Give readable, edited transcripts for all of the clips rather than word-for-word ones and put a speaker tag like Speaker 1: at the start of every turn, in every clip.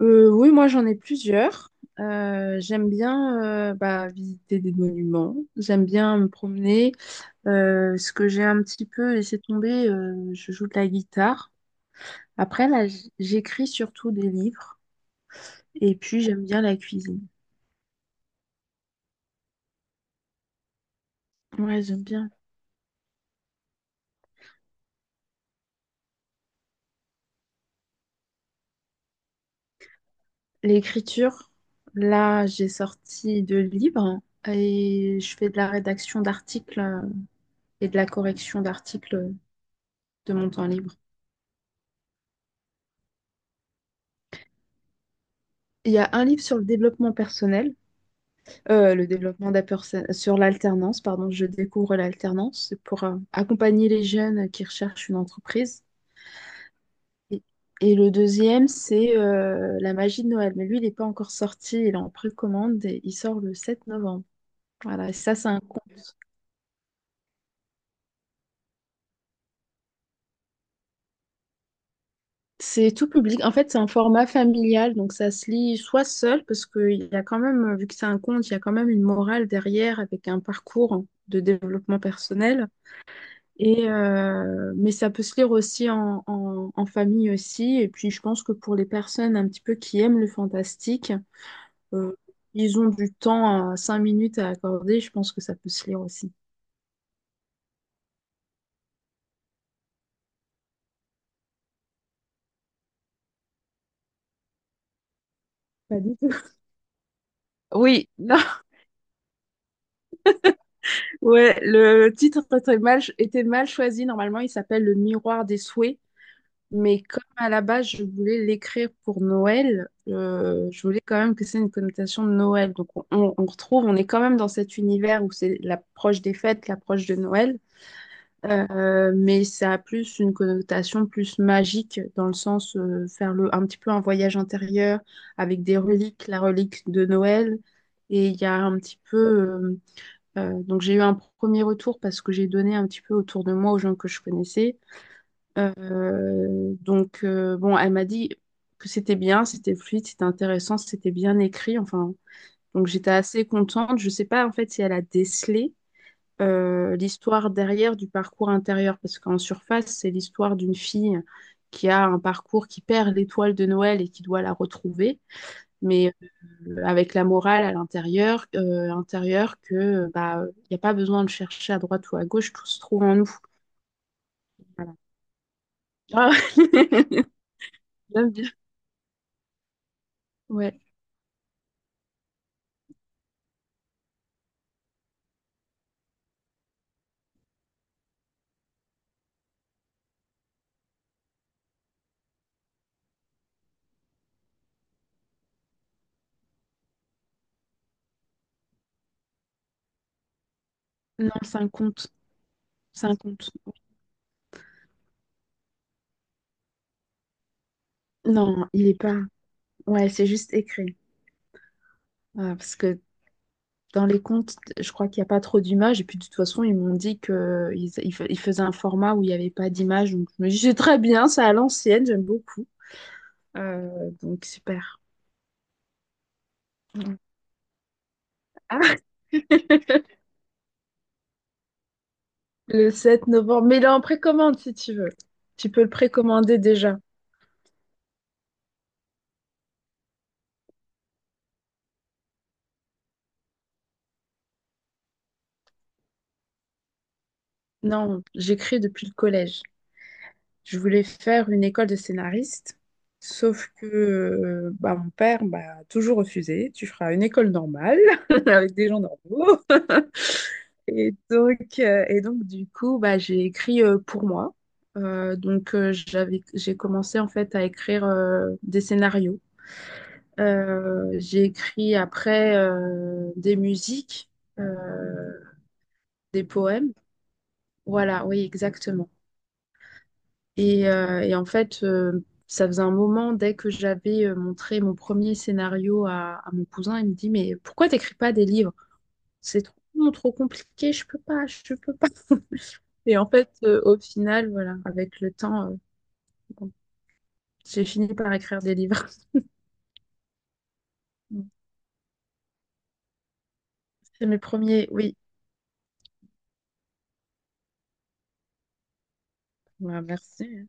Speaker 1: Oui, moi j'en ai plusieurs. J'aime bien bah, visiter des monuments, j'aime bien me promener. Ce que j'ai un petit peu laissé tomber, je joue de la guitare. Après, là, j'écris surtout des livres et puis j'aime bien la cuisine. Ouais, j'aime bien. L'écriture, là, j'ai sorti deux livres et je fais de la rédaction d'articles et de la correction d'articles de mon temps libre. Il y a un livre sur le développement personnel. Le développement de sur l'alternance, pardon, je découvre l'alternance, c'est pour accompagner les jeunes qui recherchent une entreprise. Et, et le deuxième, c'est la magie de Noël. Mais lui, il n'est pas encore sorti, il est en précommande et il sort le 7 novembre. Voilà, et ça, c'est un conte. C'est tout public. En fait, c'est un format familial, donc ça se lit soit seul, parce qu'il y a quand même, vu que c'est un conte, il y a quand même une morale derrière avec un parcours de développement personnel. Et, mais ça peut se lire aussi en, en famille aussi. Et puis je pense que pour les personnes un petit peu qui aiment le fantastique, euh, ils ont du temps à 5 minutes à accorder. Je pense que ça peut se lire aussi. Pas du tout. Oui, non. Ouais, le titre était mal choisi. Normalement, il s'appelle Le miroir des souhaits. Mais comme à la base, je voulais l'écrire pour Noël, je voulais quand même que c'est une connotation de Noël. Donc on retrouve, on est quand même dans cet univers où c'est l'approche des fêtes, l'approche de Noël. Mais ça a plus une connotation plus magique dans le sens un petit peu un voyage intérieur avec des reliques, la relique de Noël. Et il y a un petit peu. Donc j'ai eu un premier retour parce que j'ai donné un petit peu autour de moi aux gens que je connaissais. Donc, bon, elle m'a dit que c'était bien, c'était fluide, c'était intéressant, c'était bien écrit. Enfin, donc j'étais assez contente. Je sais pas en fait si elle a décelé l'histoire derrière du parcours intérieur, parce qu'en surface, c'est l'histoire d'une fille qui a un parcours qui perd l'étoile de Noël et qui doit la retrouver, mais avec la morale à l'intérieur, intérieur que bah, il n'y a pas besoin de chercher à droite ou à gauche, tout se trouve en nous. Voilà. Ah, J'aime bien. Ouais. Non, c'est un compte. C'est un compte. Non, il est pas. Ouais, c'est juste écrit. Ah, parce que dans les comptes, je crois qu'il n'y a pas trop d'images. Et puis de toute façon, ils m'ont dit qu'ils faisaient un format où il n'y avait pas d'images. Donc je me dis, c'est très bien, c'est à l'ancienne, j'aime beaucoup. Donc super. Ah, le 7 novembre. Mais il est en précommande si tu veux. Tu peux le précommander déjà. Non, j'écris depuis le collège. Je voulais faire une école de scénariste, sauf que bah, mon père m'a toujours refusé. Tu feras une école normale avec des gens normaux. Et donc, du coup, bah, j'ai écrit pour moi. Donc, j'ai commencé en fait à écrire des scénarios. J'ai écrit après des musiques, euh, des poèmes. Voilà, oui, exactement. Et en fait, ça faisait un moment, dès que j'avais montré mon premier scénario à mon cousin, il me dit: «Mais pourquoi t'écris pas des livres? C'est trop, trop compliqué, je peux pas, je peux pas.» Et en fait, au final, voilà, avec le temps, bon, j'ai fini par écrire des livres. C'est mes premiers, oui. Bah, merci.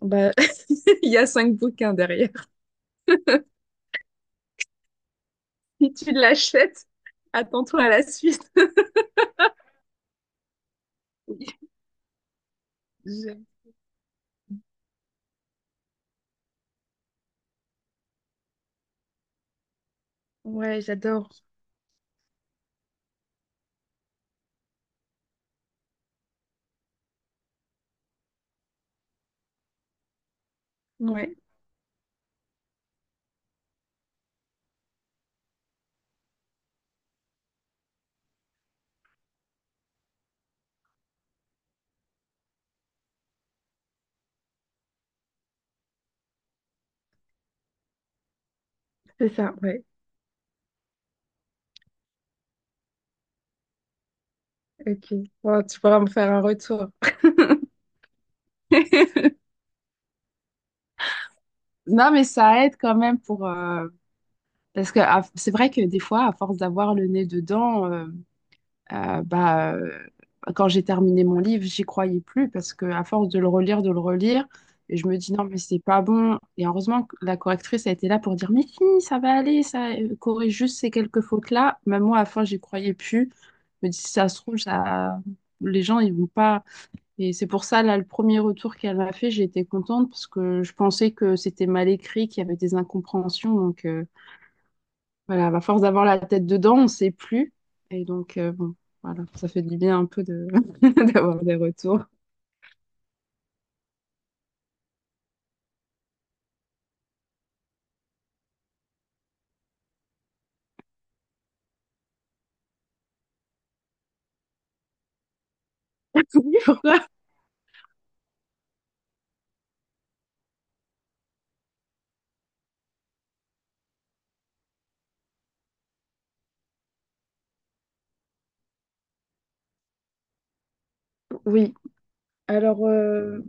Speaker 1: Bah, il y a cinq bouquins derrière. Si tu l'achètes, attends-toi à la suite. Oui, j'ai- ouais, j'adore. Ouais, c'est ça, ouais. Ok. Bon, tu pourras me faire un retour. Non, mais ça aide quand même pour. Parce que c'est vrai que des fois, à force d'avoir le nez dedans, bah, quand j'ai terminé mon livre, j'y croyais plus parce que à force de le relire, et je me dis non, mais c'est pas bon. Et heureusement que la correctrice a été là pour dire, mais si, ça va aller, ça corrige juste ces quelques fautes-là. Même moi, à la fin, j'y croyais plus. Je me dis, si ça se trouve, ça. Les gens, ils vont pas. Et c'est pour ça, là, le premier retour qu'elle m'a fait, j'ai été contente parce que je pensais que c'était mal écrit, qu'il y avait des incompréhensions. Donc, voilà, à force d'avoir la tête dedans, on ne sait plus. Et donc, bon, voilà, ça fait du bien un peu de d'avoir des retours. Oui, alors,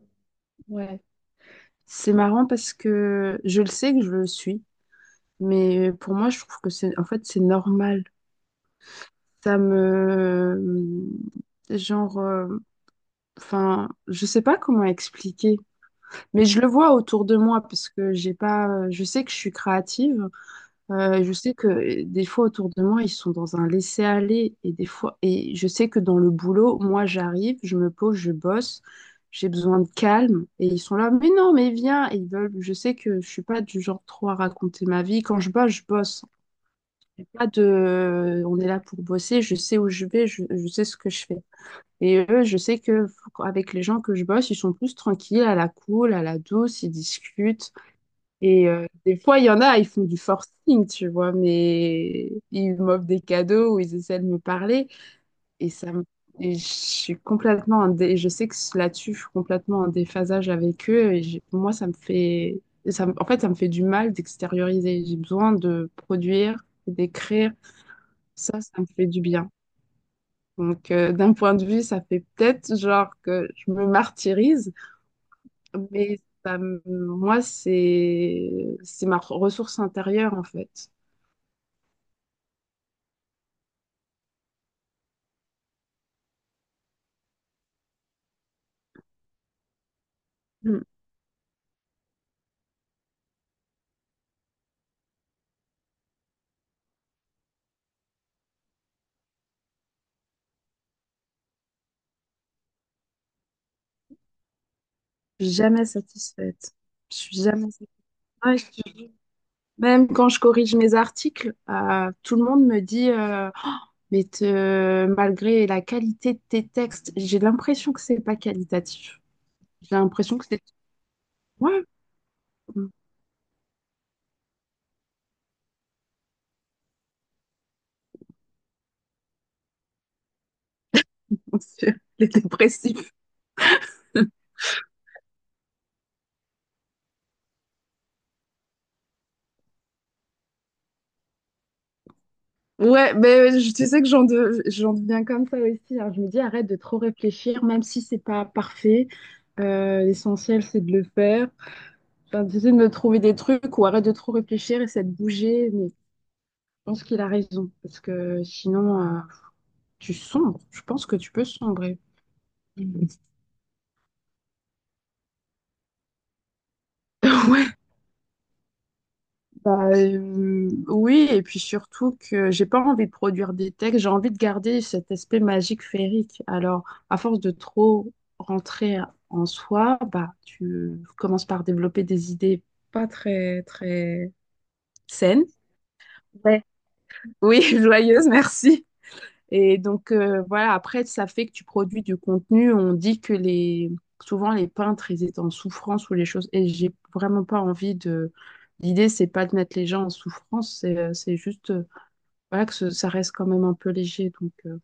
Speaker 1: ouais, c'est marrant parce que je le sais que je le suis, mais pour moi, je trouve que c'est, en fait, c'est normal. Ça me, genre, enfin, je sais pas comment expliquer. Mais je le vois autour de moi parce que j'ai pas, je sais que je suis créative. Je sais que des fois autour de moi, ils sont dans un laisser-aller et des fois, et je sais que dans le boulot, moi, j'arrive, je me pose, je bosse, j'ai besoin de calme et ils sont là, mais non, mais viens. Et ils veulent, je sais que je suis pas du genre trop à raconter ma vie. Quand je bosse, je bosse. Y a pas de, on est là pour bosser. Je sais où je vais, je sais ce que je fais. Et eux, je sais que avec les gens que je bosse, ils sont plus tranquilles, à la cool, à la douce, ils discutent. Et des fois, il y en a, ils font du forcing, tu vois, mais ils m'offrent des cadeaux ou ils essaient de me parler. Et ça me- et je suis complètement je sais que là-dessus, je suis complètement en déphasage avec eux. Pour moi, ça me fait. En fait, ça me fait du mal d'extérioriser. J'ai besoin de produire, d'écrire. Ça me fait du bien. Donc, d'un point de vue, ça fait peut-être genre que je me martyrise, moi, c'est ma ressource intérieure en fait. Mm. Je suis jamais satisfaite. Je suis jamais satisfaite. Ouais, même quand je corrige mes articles, tout le monde me dit mais malgré la qualité de tes textes, j'ai l'impression que c'est pas qualitatif. J'ai l'impression que c'est ouais, c'est les dépressifs. Ouais, mais tu sais que j'en deviens comme ça aussi, hein. Je me dis, arrête de trop réfléchir, même si c'est pas parfait. L'essentiel, c'est de le faire. Enfin, j'essaie de me trouver des trucs ou arrête de trop réfléchir, essaie de bouger. Mais je pense qu'il a raison, parce que sinon, tu sombres. Je pense que tu peux sombrer. Ouais. Bah, oui, et puis surtout que j'ai pas envie de produire des textes, j'ai envie de garder cet aspect magique féerique. Alors, à force de trop rentrer en soi, bah, tu commences par développer des idées pas très, très saines. Ouais. Oui, joyeuses, merci. Et donc, voilà, après, ça fait que tu produis du contenu. On dit que les, souvent, les peintres, ils étaient en souffrance ou les choses. Et j'ai vraiment pas envie de. L'idée, c'est pas de mettre les gens en souffrance, c'est juste voilà, que ça reste quand même un peu léger. Donc,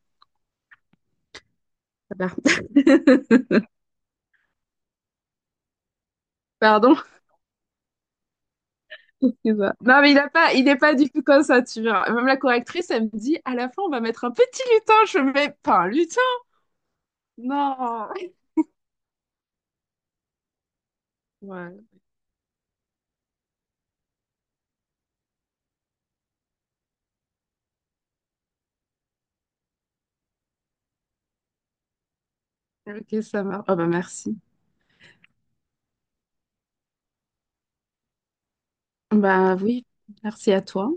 Speaker 1: voilà. Pardon. Excuse-moi. Non, mais il n'est pas du tout comme ça, tu vois. Même la correctrice, elle me dit, à la fin, on va mettre un petit lutin. Je mets pas un lutin. Non. Ouais. Ok, ça marche. Ah bah merci. Bah oui, merci à toi.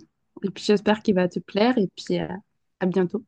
Speaker 1: Et puis j'espère qu'il va te plaire et puis à bientôt.